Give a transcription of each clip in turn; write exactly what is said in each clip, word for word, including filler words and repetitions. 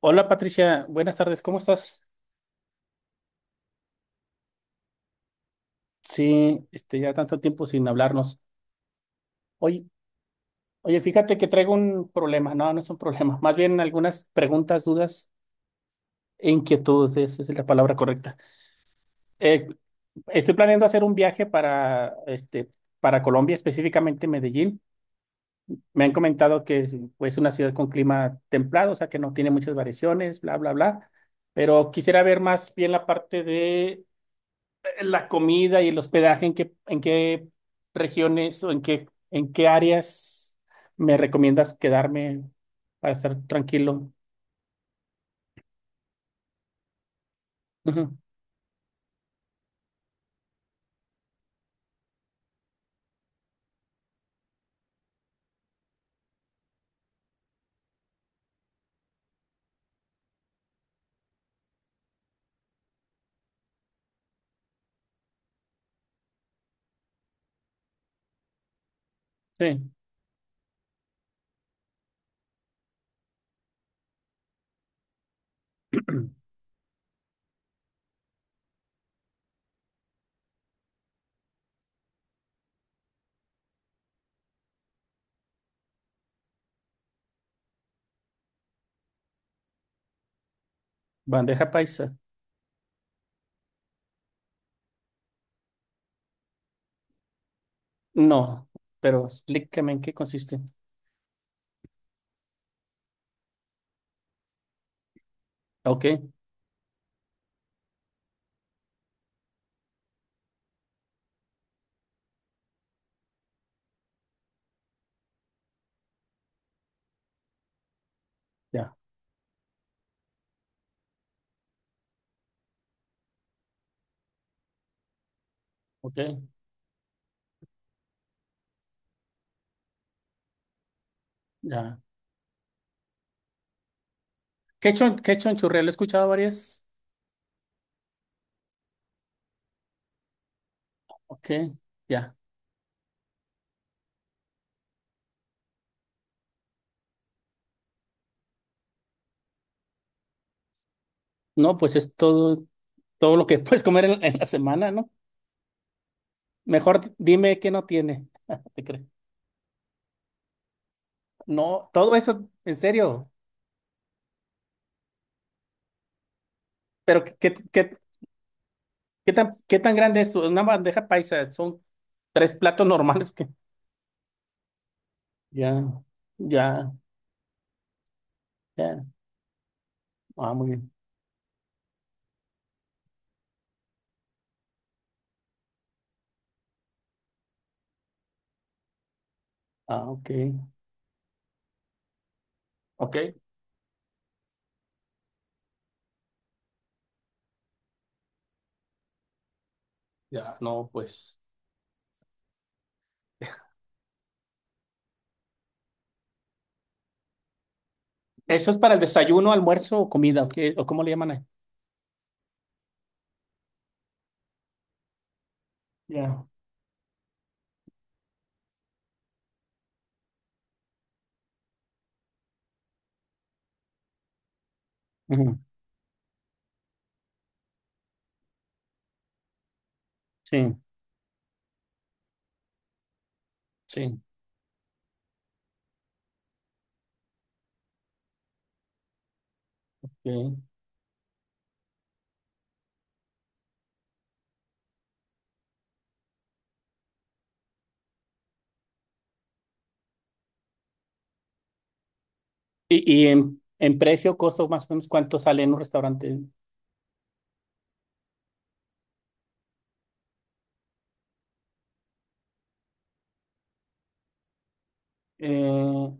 Hola Patricia, buenas tardes, ¿cómo estás? Sí, este, ya tanto tiempo sin hablarnos. Oye, oye, fíjate que traigo un problema, no, no es un problema, más bien algunas preguntas, dudas e inquietudes, esa es la palabra correcta. Eh, estoy planeando hacer un viaje para, este, para Colombia, específicamente Medellín. Me han comentado que es pues, una ciudad con clima templado, o sea que no tiene muchas variaciones, bla, bla, bla, pero quisiera ver más bien la parte de la comida y el hospedaje, ¿en qué, en qué regiones o en qué, en qué áreas me recomiendas quedarme para estar tranquilo? Ujú. Sí. Bandeja paisa. No, pero explícame en qué consiste. Ok, ya, ok, ya. Quechua, quechua en churrel, he escuchado varias. Ok, ya. No, pues es todo, todo lo que puedes comer en, en la semana, ¿no? Mejor dime qué no tiene. Te creo. No, todo eso, en serio. Pero ¿qué, qué, qué- qué tan, qué tan grande es una bandeja paisa? Son tres platos normales que ya, ya, ya. Ah, muy bien. Ah, ok. Ok, ya, no, pues. ¿Eso es para el desayuno, almuerzo o comida? ¿O qué- o cómo le llaman ahí? Ya. Ujú. Sí, sí. Ok. ¿Y, y en, en precio, costo, más o menos, cuánto sale en un restaurante? Eh,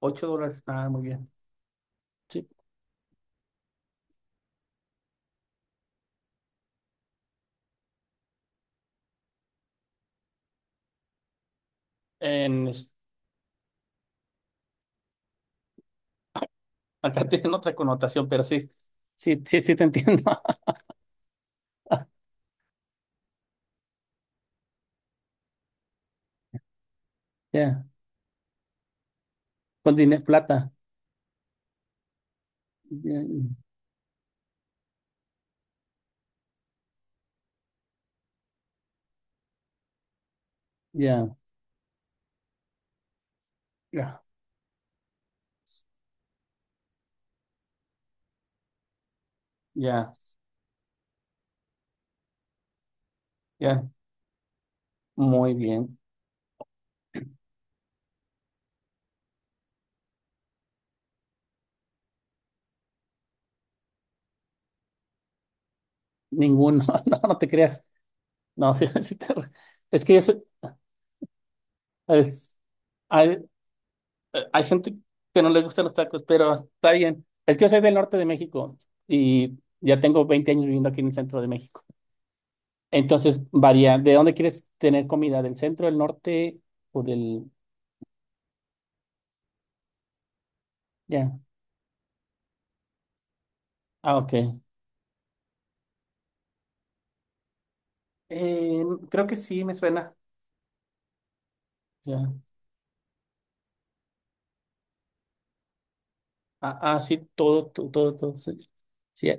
ocho dólares. Ah, muy bien. Sí. En, es- acá tiene otra connotación, pero sí, sí, sí, sí te entiendo. Ya. Con tienes plata. Ya, ya, ya, ya, ya. Muy bien. Ninguno. No, no te creas. No, sí, sí te- Es que yo soy- es- hay, hay gente que no le gustan los tacos, pero está bien. Es que yo soy del norte de México y ya tengo veinte años viviendo aquí en el centro de México. Entonces, varía. ¿De dónde quieres tener comida? ¿Del centro, del norte o del...? Ya. Ah, ok. Eh, creo que sí, me suena. Ah, ah, sí, todo, todo, todo, todo. Sí, sí,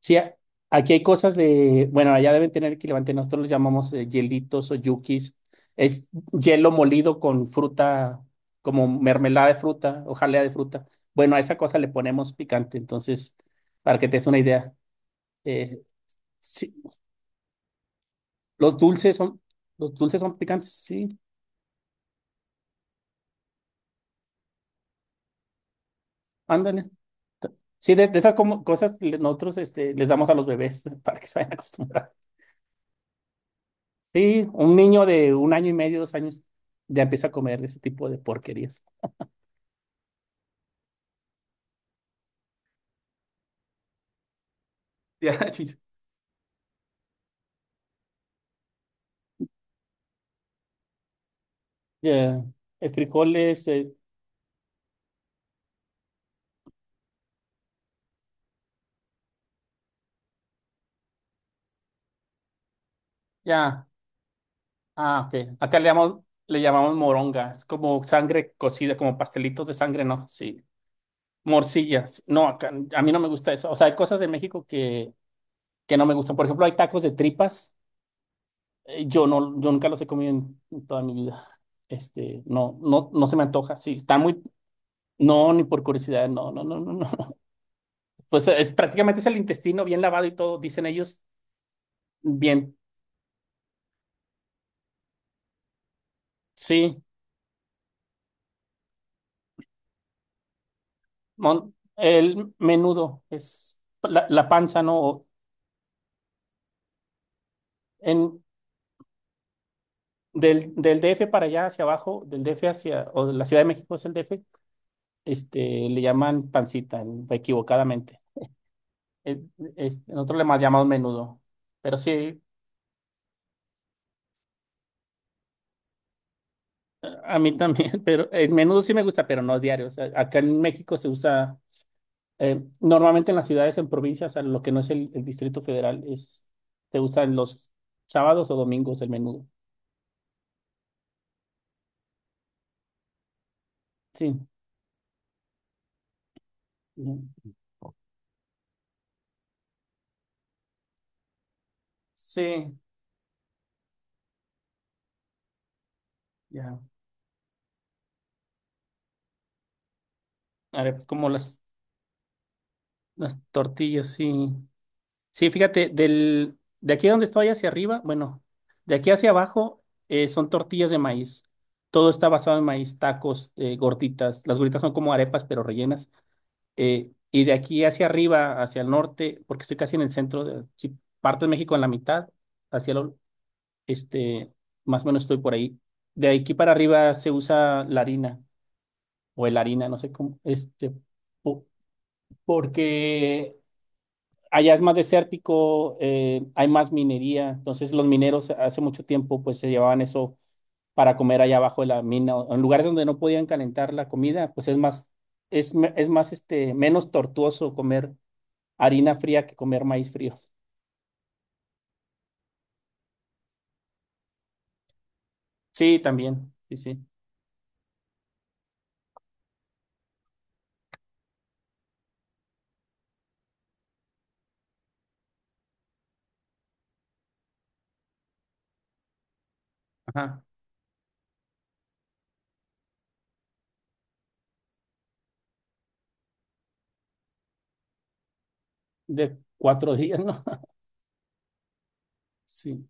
sí, a- aquí hay cosas de, bueno, allá deben tener equivalente, nosotros los llamamos eh, hielitos o yukis. Es hielo molido con fruta, como mermelada de fruta o jalea de fruta. Bueno, a esa cosa le ponemos picante, entonces, para que te des una idea. Eh, sí, los dulces son, los dulces son picantes, sí, ándale. Sí, de, de esas como, cosas le- nosotros este, les damos a los bebés para que se vayan acostumbrando. Sí, un niño de un año y medio, dos años, ya empieza a comer ese tipo de porquerías. Ya, chis. Ya, el frijol es, eh, ya, ah, ok. Acá le llamamos, le llamamos moronga, es como sangre cocida, como pastelitos de sangre, ¿no? Sí. Morcillas, no, acá, a mí no me gusta eso. O sea, hay cosas de México que, que no me gustan. Por ejemplo, hay tacos de tripas. Eh, Yo no, yo nunca los he comido en, en toda mi vida. Este, no, no, no se me antoja. Sí, están muy, no, ni por curiosidad, no, no, no, no, no. Pues es, prácticamente es el intestino bien lavado y todo, dicen ellos. Bien, sí. mon- el menudo es la, la panza, ¿no? O En, del, del D F para allá hacia abajo, del D F hacia, o de la Ciudad de México es el D F, este, le llaman pancita, equivocadamente. Eh, este, nosotros le más llamamos menudo. Pero sí, a mí también, pero el menudo sí me gusta, pero no diario. O sea, acá en México se usa. Eh, normalmente en las ciudades, en provincias, en lo que no es el, el Distrito Federal, es, se usan los sábados o domingos el menudo. Sí, ujú. Sí, ya. A ver, pues, como las, las tortillas, sí. Sí, fíjate, del, de aquí donde estoy hacia arriba, bueno, de aquí hacia abajo eh, son tortillas de maíz. Todo está basado en maíz, tacos, eh, gorditas. Las gorditas son como arepas, pero rellenas. Eh, y de aquí hacia arriba, hacia el norte, porque estoy casi en el centro, de, si parto de México en la mitad, hacia el, este, más o menos estoy por ahí. De aquí para arriba se usa la harina o el harina, no sé cómo, este, po- porque allá es más desértico, eh, hay más minería, entonces los mineros hace mucho tiempo pues se llevaban eso para comer allá abajo de la mina, o en lugares donde no podían calentar la comida, pues es más, es, me- es más, este, menos tortuoso comer harina fría que comer maíz frío. Sí, también. Sí, sí. Ajá. De cuatro días, ¿no? Sí,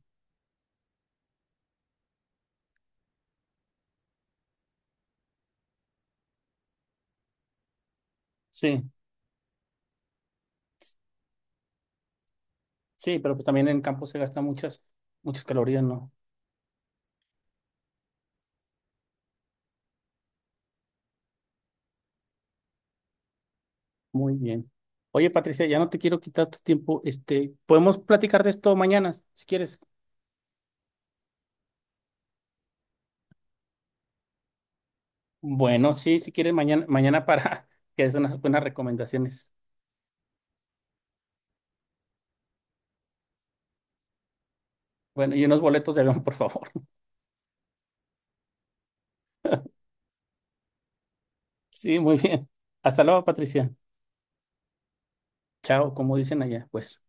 sí. Sí, pero pues también en campo se gastan muchas, muchas calorías, ¿no? Muy bien. Oye, Patricia, ya no te quiero quitar tu tiempo. Este, podemos platicar de esto mañana, si quieres. Bueno, sí, si quieres, mañana, mañana para que des unas buenas recomendaciones. Bueno, y unos boletos de avión, por favor. Sí, muy bien. Hasta luego, Patricia. Chao, como dicen allá, pues.